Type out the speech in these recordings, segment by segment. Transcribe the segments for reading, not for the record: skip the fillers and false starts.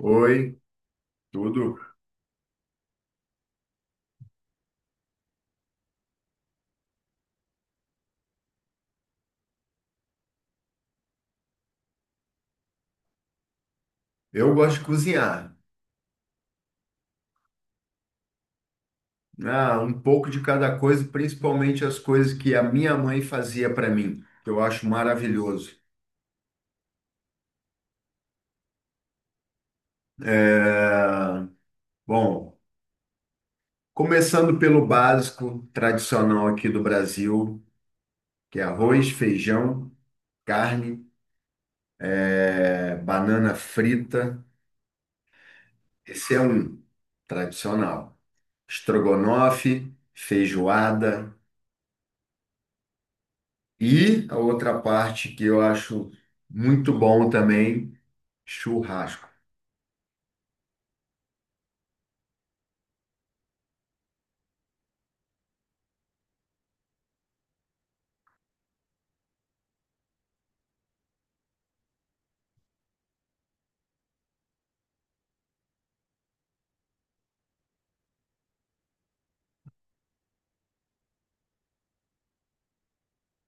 Oi, tudo. Eu gosto de cozinhar. Ah, um pouco de cada coisa, principalmente as coisas que a minha mãe fazia para mim, que eu acho maravilhoso. É, Bom, começando pelo básico tradicional aqui do Brasil, que é arroz, feijão, carne, banana frita. Esse é um tradicional. Estrogonofe, feijoada. E a outra parte que eu acho muito bom também. Churrasco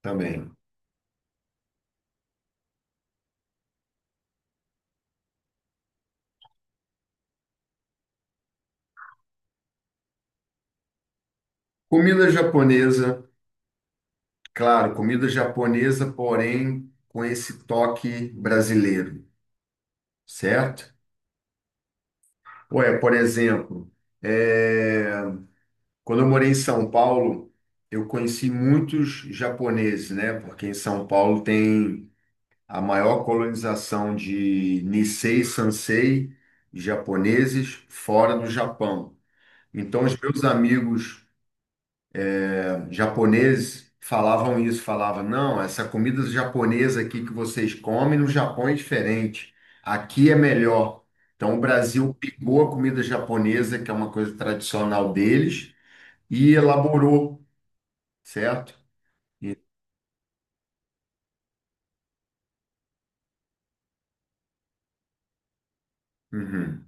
também. Comida japonesa, claro, comida japonesa, porém com esse toque brasileiro, certo? Ué, por exemplo, é, quando eu morei em São Paulo, eu conheci muitos japoneses, né? Porque em São Paulo tem a maior colonização de Nisei Sansei japoneses fora do Japão. Então, os meus amigos japoneses falavam isso, falavam, não, essa comida japonesa aqui que vocês comem no Japão é diferente. Aqui é melhor. Então o Brasil pegou a comida japonesa, que é uma coisa tradicional deles, e elaborou, certo? E- Uhum,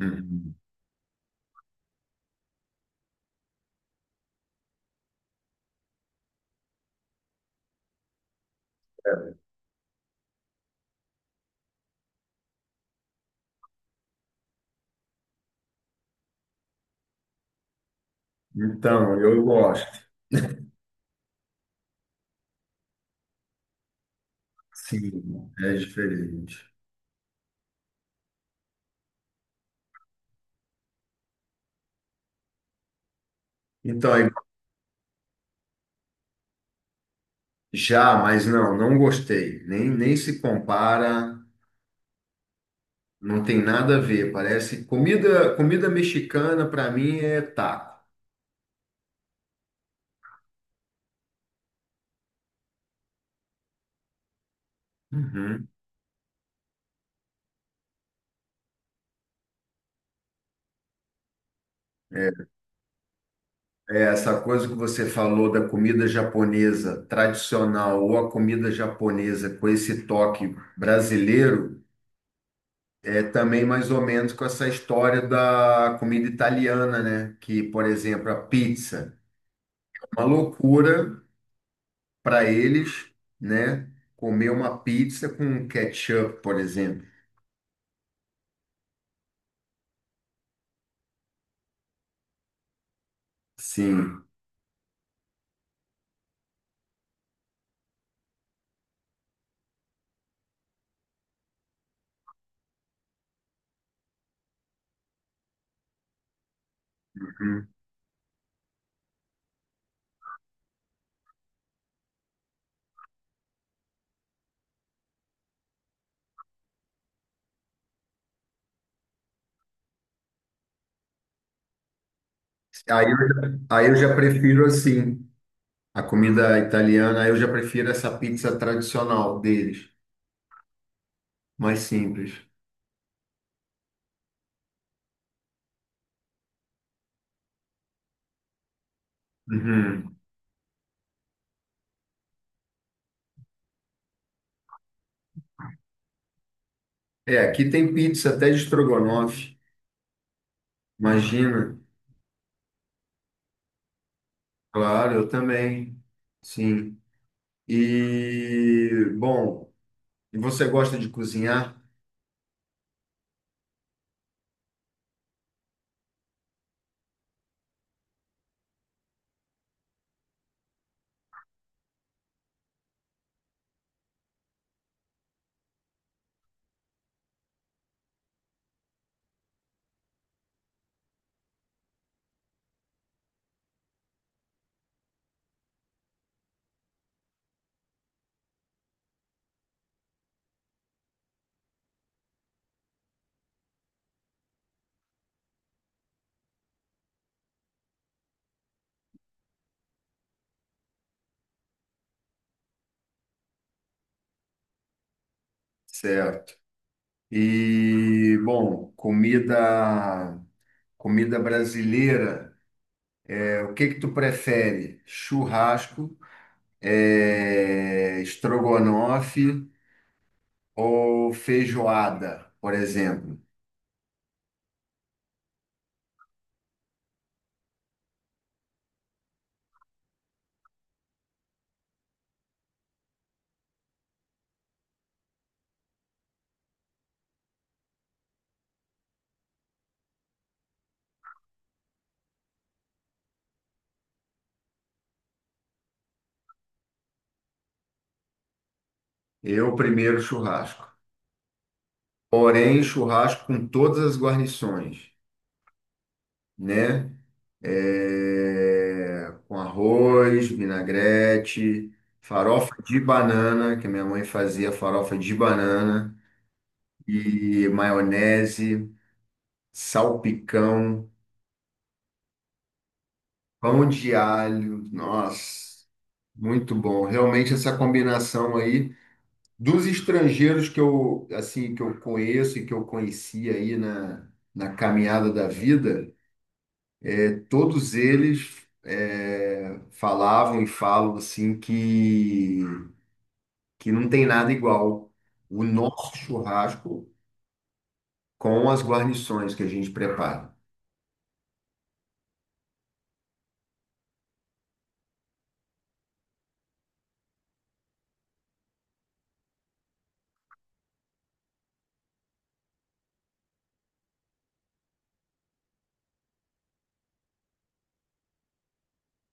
uhum. Então, eu gosto. Sim, é diferente. Então, é- Já, mas não, não gostei. Nem, nem se compara. Não tem nada a ver, parece comida, comida mexicana para mim é taco. Uhum. É, é essa coisa que você falou da comida japonesa tradicional ou a comida japonesa com esse toque brasileiro é também mais ou menos com essa história da comida italiana, né? Que, por exemplo, a pizza, é uma loucura para eles, né? Comer uma pizza com ketchup, por exemplo. Sim. Aí eu já prefiro assim, a comida italiana, aí eu já prefiro essa pizza tradicional deles, mais simples. Uhum. É, aqui tem pizza até de estrogonofe, imagina. Claro, eu também, sim. E, bom, e você gosta de cozinhar? Certo. E, bom, comida brasileira, o que que tu prefere? Churrasco? É, estrogonofe ou feijoada, por exemplo. Eu primeiro churrasco. Porém, churrasco com todas as guarnições, né? É, com arroz, vinagrete, farofa de banana, que minha mãe fazia farofa de banana, e maionese, salpicão, pão de alho. Nossa, muito bom. Realmente essa combinação aí. Dos estrangeiros que eu, assim, que eu conheço e que eu conheci aí na caminhada da vida, todos eles falavam e falam assim que não tem nada igual o nosso churrasco com as guarnições que a gente prepara.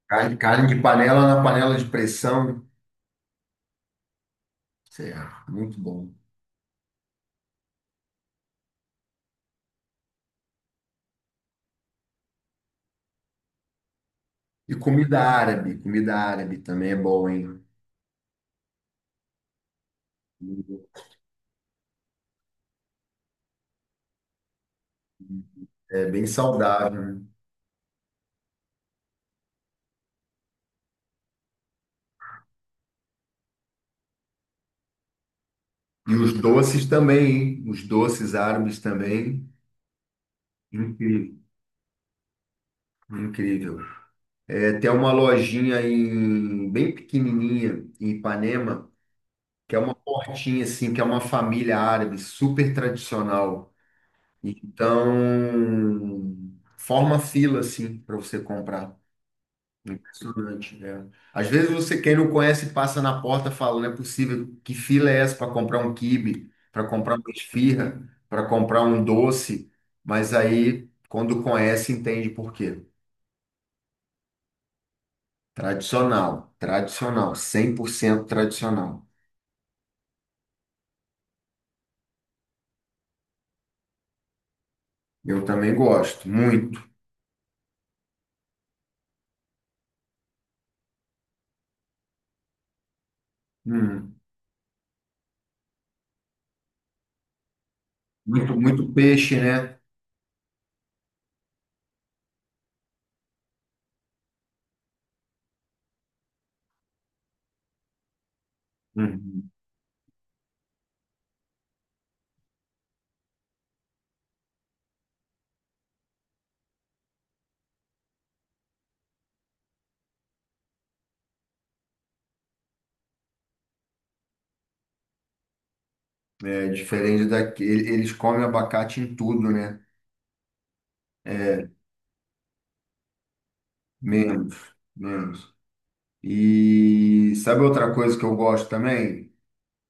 Carne de panela na panela de pressão, cê, muito bom. E comida árabe também é bom, hein? É bem saudável. E os doces também, hein? Os doces árabes também. Incrível, incrível. É, tem uma lojinha em, bem pequenininha em Ipanema, que é uma portinha assim, que é uma família árabe super tradicional. Então, forma fila assim para você comprar. Impressionante, é. Às vezes você, quem não conhece, passa na porta falando, não é possível, que fila é essa para comprar um quibe, para comprar uma esfirra, para comprar um doce, mas aí, quando conhece, entende por quê. Tradicional, tradicional, 100% tradicional. Eu também gosto, muito. Hum. Muito, muito peixe, né? Uhum. É diferente daqui, eles comem abacate em tudo, né? É, menos, menos. E sabe outra coisa que eu gosto também?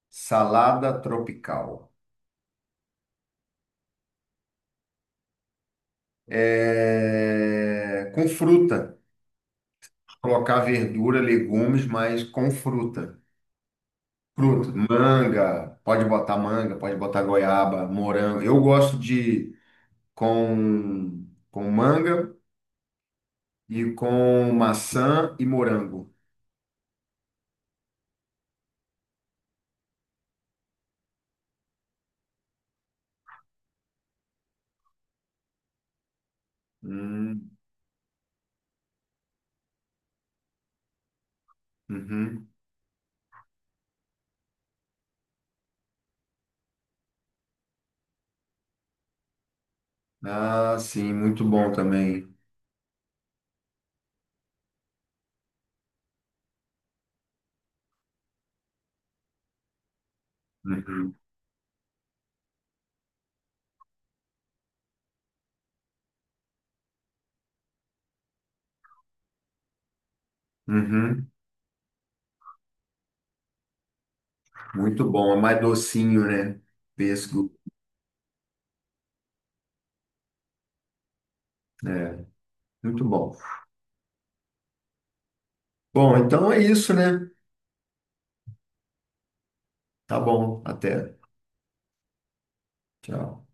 Salada tropical. É, com fruta. Colocar verdura, legumes, mas com fruta. Fruta, manga, pode botar goiaba, morango. Eu gosto de com, com manga e com maçã e morango. Hum, uhum. Ah, sim, muito bom também. Uhum. Uhum. Muito bom, é mais docinho, né? Pêssego, né muito bom. Bom, então é isso, né? Tá bom, até. Tchau.